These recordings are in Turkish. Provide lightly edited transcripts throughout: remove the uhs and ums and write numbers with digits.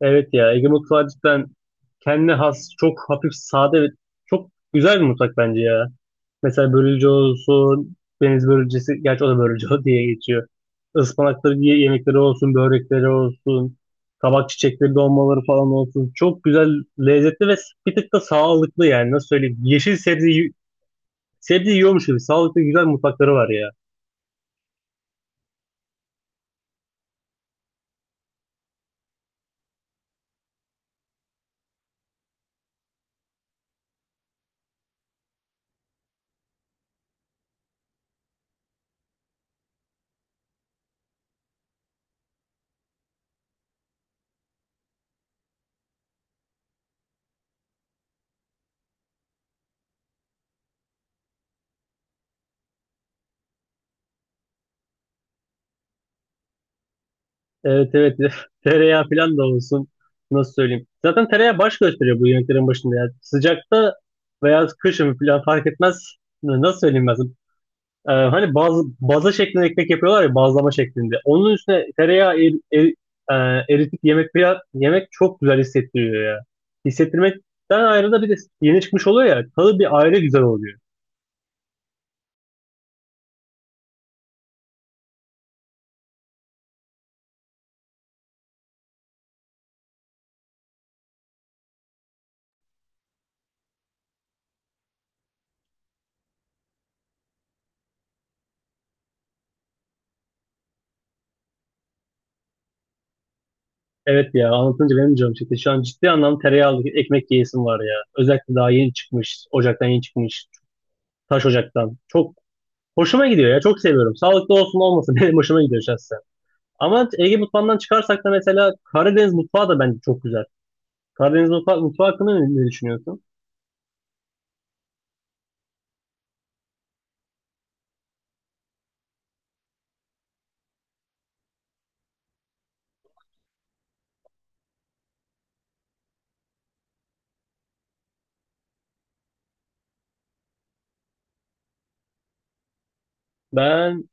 Evet ya Ege mutfağı cidden kendine has çok hafif sade ve çok güzel bir mutfak bence ya. Mesela börülce olsun, deniz börülcesi, gerçi o da börülce diye geçiyor. Ispanakları diye yemekleri olsun, börekleri olsun, kabak çiçekleri dolmaları falan olsun. Çok güzel, lezzetli ve bir tık da sağlıklı yani nasıl söyleyeyim. Yeşil sebze, sebze yiyormuş gibi sağlıklı güzel mutfakları var ya. Evet, evet, tereyağı falan da olsun nasıl söyleyeyim. Zaten tereyağı baş gösteriyor bu yemeklerin başında ya. Sıcakta veya kışın falan fark etmez. Nasıl söyleyeyim ben sana? Hani bazı baza şeklinde ekmek yapıyorlar ya bazlama şeklinde. Onun üstüne tereyağı eritip yemek falan, yemek çok güzel hissettiriyor ya. Hissettirmekten ayrı da bir de yeni çıkmış oluyor ya, tadı bir ayrı güzel oluyor. Evet ya anlatınca benim de canım çekti. Şu an ciddi anlamda tereyağlı ekmek yiyesim var ya. Özellikle daha yeni çıkmış. Ocaktan yeni çıkmış. Taş ocaktan. Çok hoşuma gidiyor ya. Çok seviyorum. Sağlıklı olsun olmasın benim hoşuma gidiyor şahsen. Ama Ege mutfağından çıkarsak da mesela Karadeniz mutfağı da bence çok güzel. Karadeniz mutfağı hakkında ne düşünüyorsun? Ben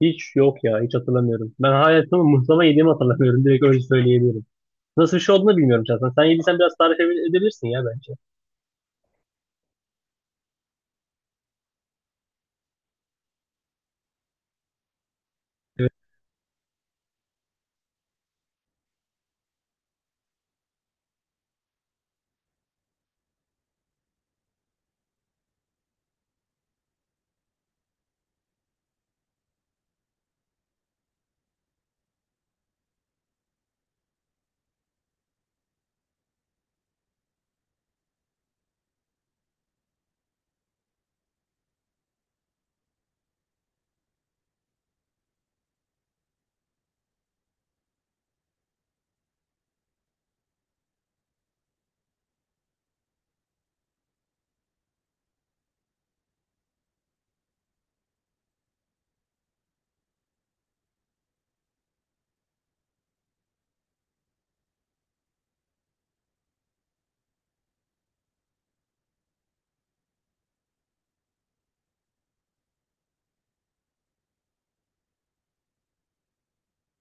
hiç yok ya. Hiç hatırlamıyorum. Ben hayatımı muhlama yediğimi hatırlamıyorum. Direkt öyle söyleyebilirim. Nasıl bir şey olduğunu bilmiyorum şahsen. Sen yediysen biraz tarif edebilirsin ya bence.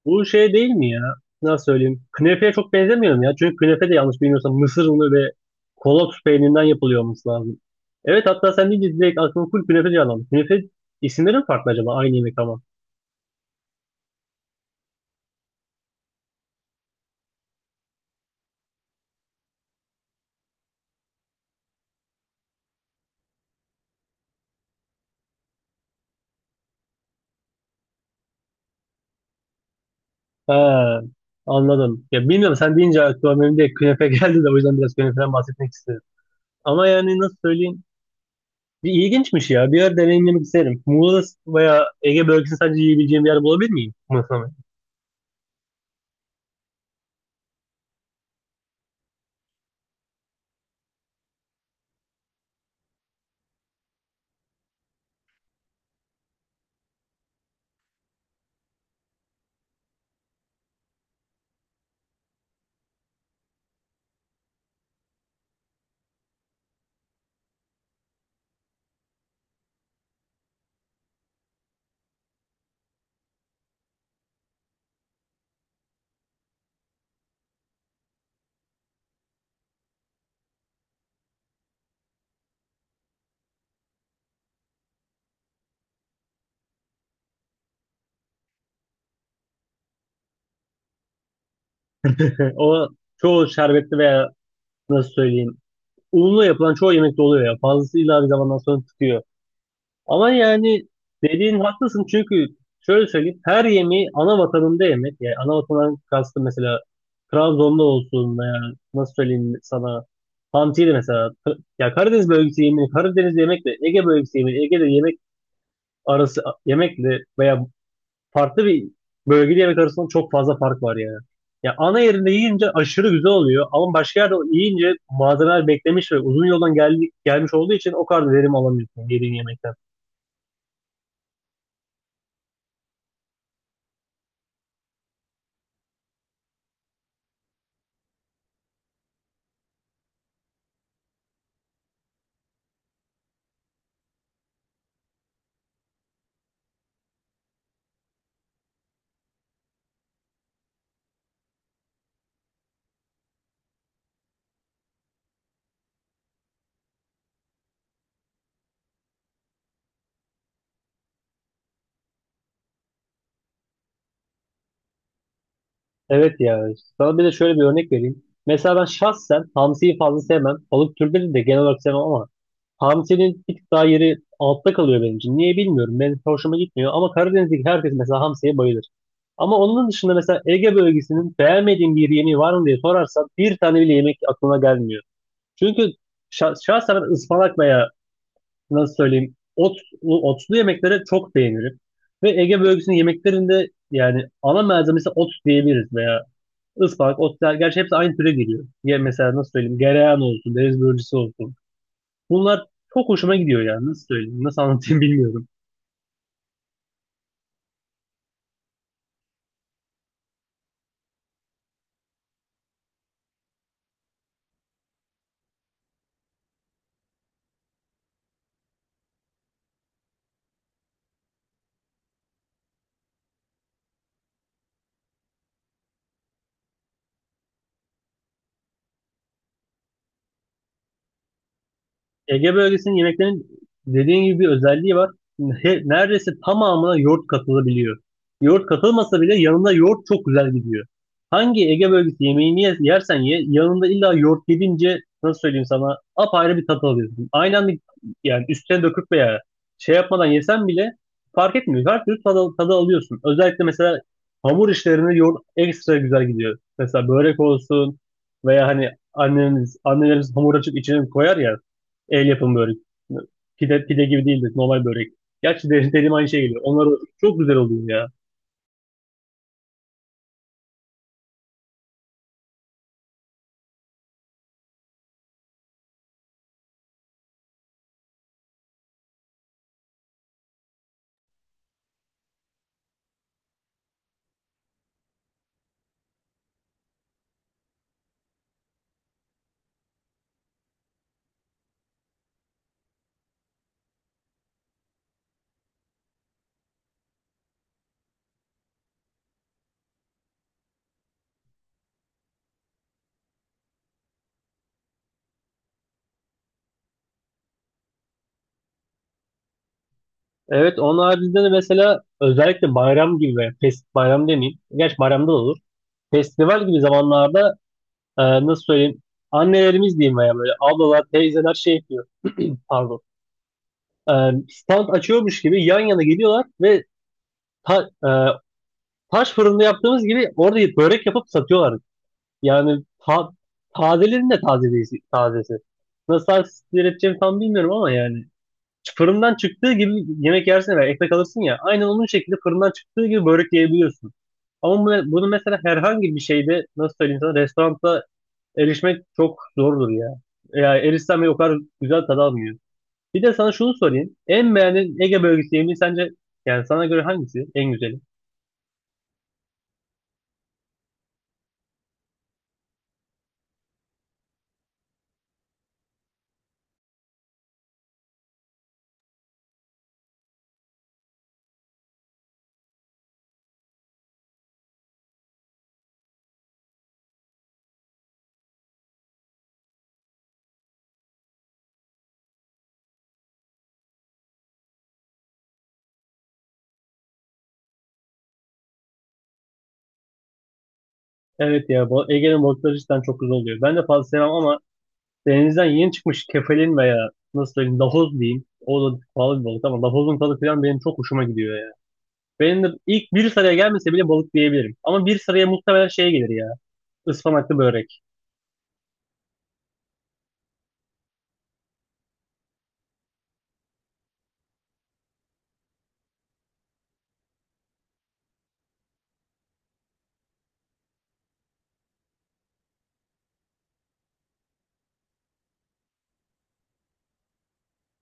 Bu şey değil mi ya? Nasıl söyleyeyim? Künefeye çok benzemiyor mu ya? Çünkü künefe de yanlış bilmiyorsam mısır unu ve kolot peynirinden yapılıyor olması lazım. Evet, hatta sen deyince direkt aklıma full künefe canlandı. Künefe isimleri mi farklı acaba? Aynı yemek ama. Ha, anladım. Ya bilmiyorum sen deyince aklıma benim de künefe geldi de o yüzden biraz künefeden bahsetmek istedim. Ama yani nasıl söyleyeyim? Bir ilginçmiş ya. Bir yer deneyimlemek isterim. Muğla veya Ege bölgesini sadece yiyebileceğim bir yer bulabilir miyim? Mısır mı? O çoğu şerbetli veya nasıl söyleyeyim unla yapılan çoğu yemekte oluyor ya. Fazlasıyla bir zamandan sonra tutuyor. Ama yani dediğin haklısın çünkü şöyle söyleyeyim her yemeği ana vatanında yemek. Yani ana vatanından kastım mesela Trabzon'da olsun veya nasıl söyleyeyim sana Hamsi'de mesela ya Karadeniz bölgesi yemeği Karadeniz yemekle Ege bölgesi yemeği Ege'de yemek arası yemekle veya farklı bir bölgeli yemek arasında çok fazla fark var yani. Ya ana yerinde yiyince aşırı güzel oluyor ama başka yerde yiyince malzemeler beklemiş ve uzun yoldan geldi, gelmiş olduğu için o kadar verim alamıyorsun yediğin yemekten. Evet ya. Sana bir de şöyle bir örnek vereyim. Mesela ben şahsen hamsiyi fazla sevmem. Balık türleri de genel olarak sevmem ama Hamsi'nin bir tık daha yeri altta kalıyor benim için. Niye bilmiyorum. Benim hoşuma gitmiyor. Ama Karadeniz'deki herkes mesela hamsiye bayılır. Ama onun dışında mesela Ege bölgesinin beğenmediğim bir yemeği var mı diye sorarsan bir tane bile yemek aklına gelmiyor. Çünkü şahsen ben ıspanak veya nasıl söyleyeyim otlu yemekleri çok beğenirim. Ve Ege bölgesinin yemeklerinde yani ana malzemesi ot diyebiliriz veya ıspanak, otlar. Gerçi hepsi aynı türe giriyor. Ya mesela nasıl söyleyeyim gereyan olsun, deniz börülcesi olsun. Bunlar çok hoşuma gidiyor yani. Nasıl söyleyeyim, nasıl anlatayım bilmiyorum. Ege bölgesinin yemeklerinin dediğin gibi bir özelliği var. Neredeyse tamamına yoğurt katılabiliyor. Yoğurt katılmasa bile yanında yoğurt çok güzel gidiyor. Hangi Ege bölgesi yemeğini yersen ye, yanında illa yoğurt yedince nasıl söyleyeyim sana apayrı bir tat alıyorsun. Aynı anda yani üstüne döküp veya şey yapmadan yesen bile fark etmiyor. Her türlü tadı alıyorsun. Özellikle mesela hamur işlerinde yoğurt ekstra güzel gidiyor. Mesela börek olsun veya hani annemiz, annelerimiz hamur açıp içine koyar ya, el yapımı börek. Pide, pide gibi değildir. Normal börek. Gerçi de, dediğim aynı şey geliyor. Onlar çok güzel oluyor ya. Evet onun haricinde de mesela özellikle bayram gibi veya bayram demeyeyim. Gerçi bayramda da olur. Festival gibi zamanlarda nasıl söyleyeyim annelerimiz diyeyim veya böyle ablalar, teyzeler şey yapıyor. Pardon. E, Stand açıyormuş gibi yan yana geliyorlar ve ta- e, taş fırında yaptığımız gibi orada börek yapıp satıyorlar. Yani tazelerin de taze tazesi. Nasıl tarif edeceğimi tam bilmiyorum ama yani fırından çıktığı gibi yemek yersin ve ekmek alırsın ya aynen onun şekilde fırından çıktığı gibi börek yiyebiliyorsun. Ama bunu mesela herhangi bir şeyde nasıl söyleyeyim sana restoranda erişmek çok zordur ya. Yani erişsen bile o kadar güzel tadı almıyor. Bir de sana şunu sorayım. En beğendiğin Ege bölgesi yemeği sence yani sana göre hangisi en güzeli? Evet ya bu Ege'nin balıkları cidden çok güzel oluyor. Ben de fazla sevmem ama denizden yeni çıkmış kefalin veya nasıl söyleyeyim lahoz diyeyim. O da pahalı bir balık ama lahozun tadı falan benim çok hoşuma gidiyor ya. Benim de ilk bir sıraya gelmese bile balık diyebilirim. Ama bir sıraya muhtemelen şey gelir ya. Ispanaklı börek.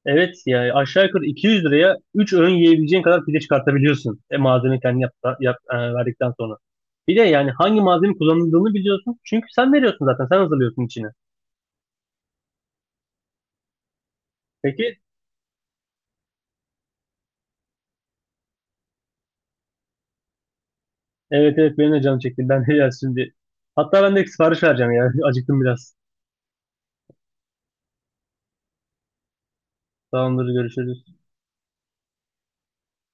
Evet ya aşağı yukarı 200 liraya 3 öğün yiyebileceğin kadar pide çıkartabiliyorsun. Malzeme kendi yap, verdikten sonra. Bir de yani hangi malzeme kullanıldığını biliyorsun. Çünkü sen veriyorsun zaten. Sen hazırlıyorsun içini. Peki, evet, evet, benim de canım çekti. Ben de ya şimdi. Hatta ben de sipariş vereceğim ya. Acıktım biraz. Tamamdır görüşürüz.